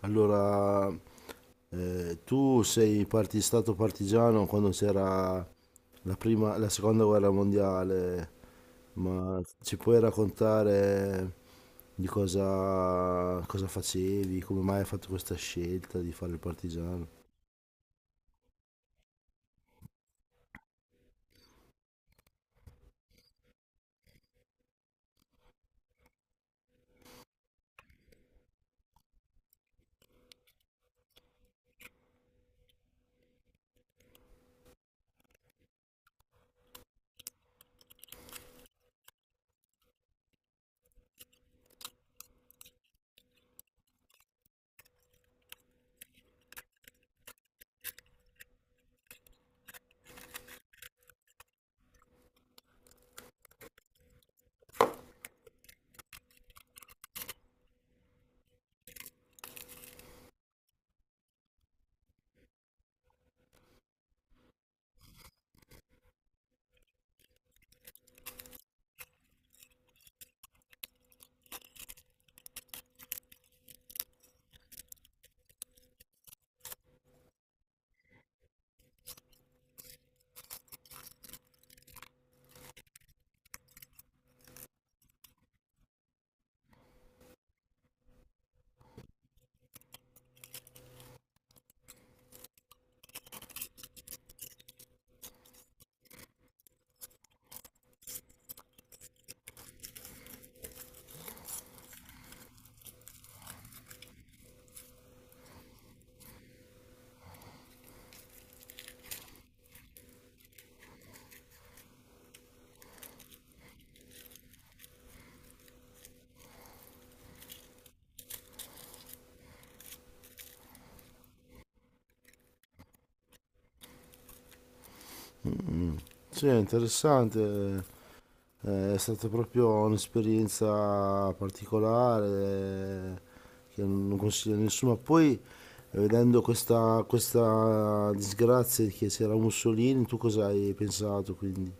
Allora, tu stato partigiano quando c'era la seconda guerra mondiale, ma ci puoi raccontare di cosa facevi, come mai hai fatto questa scelta di fare il partigiano? Sì, è interessante. È stata proprio un'esperienza particolare, che non consiglio a nessuno. Ma poi, vedendo questa disgrazia che c'era Mussolini, tu cosa hai pensato quindi?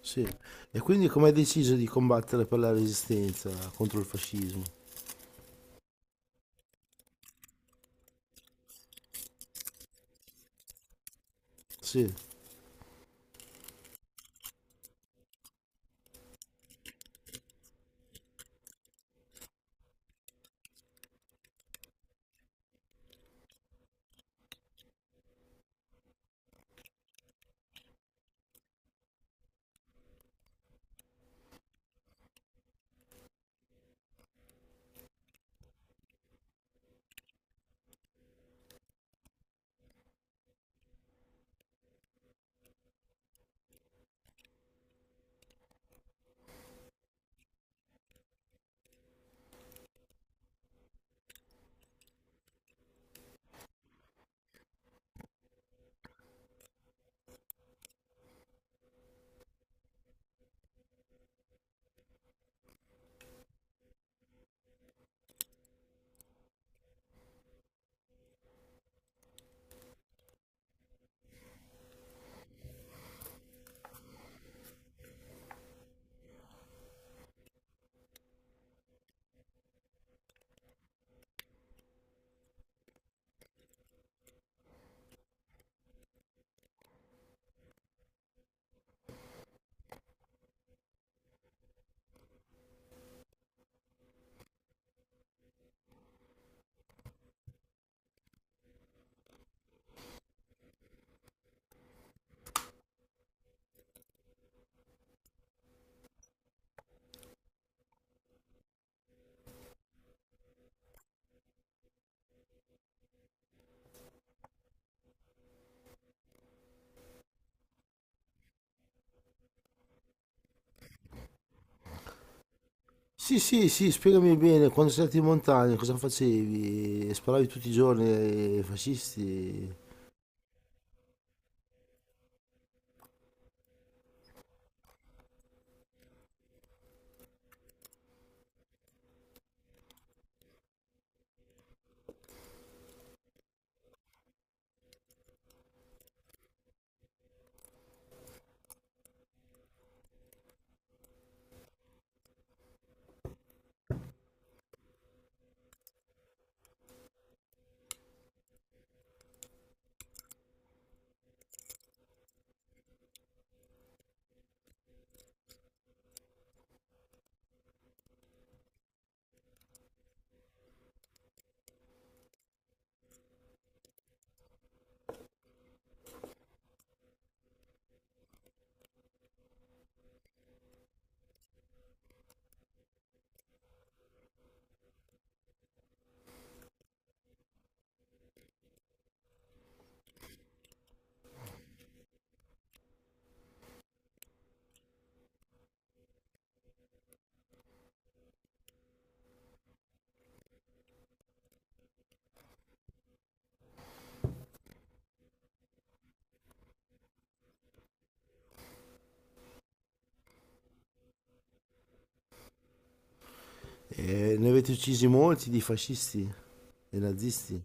Sì. E quindi come hai deciso di combattere per la resistenza contro il fascismo? Sì. Sì, sì, sì, spiegami bene, quando sei andato in montagna cosa facevi? Sparavi tutti i giorni ai fascisti? E ne avete uccisi molti di fascisti e nazisti.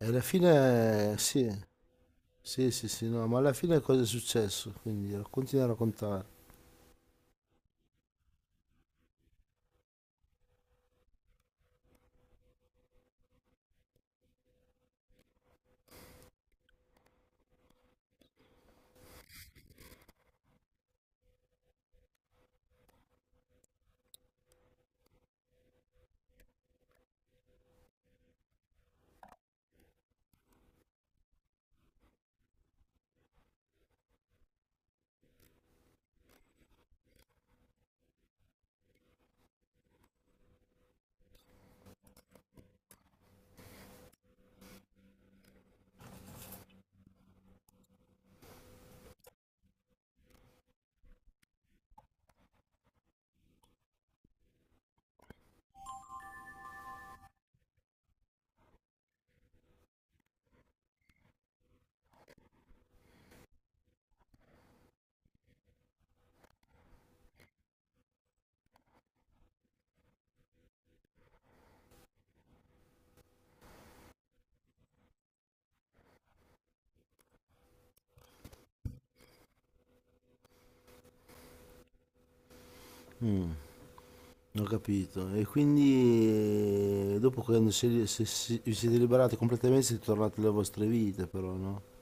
E alla fine, sì, sì, sì, sì, no, ma alla fine cosa è successo? Quindi continua a raccontare. Mm, ho capito. E quindi dopo quando vi siete liberati completamente siete tornati alle vostre vite, però, no?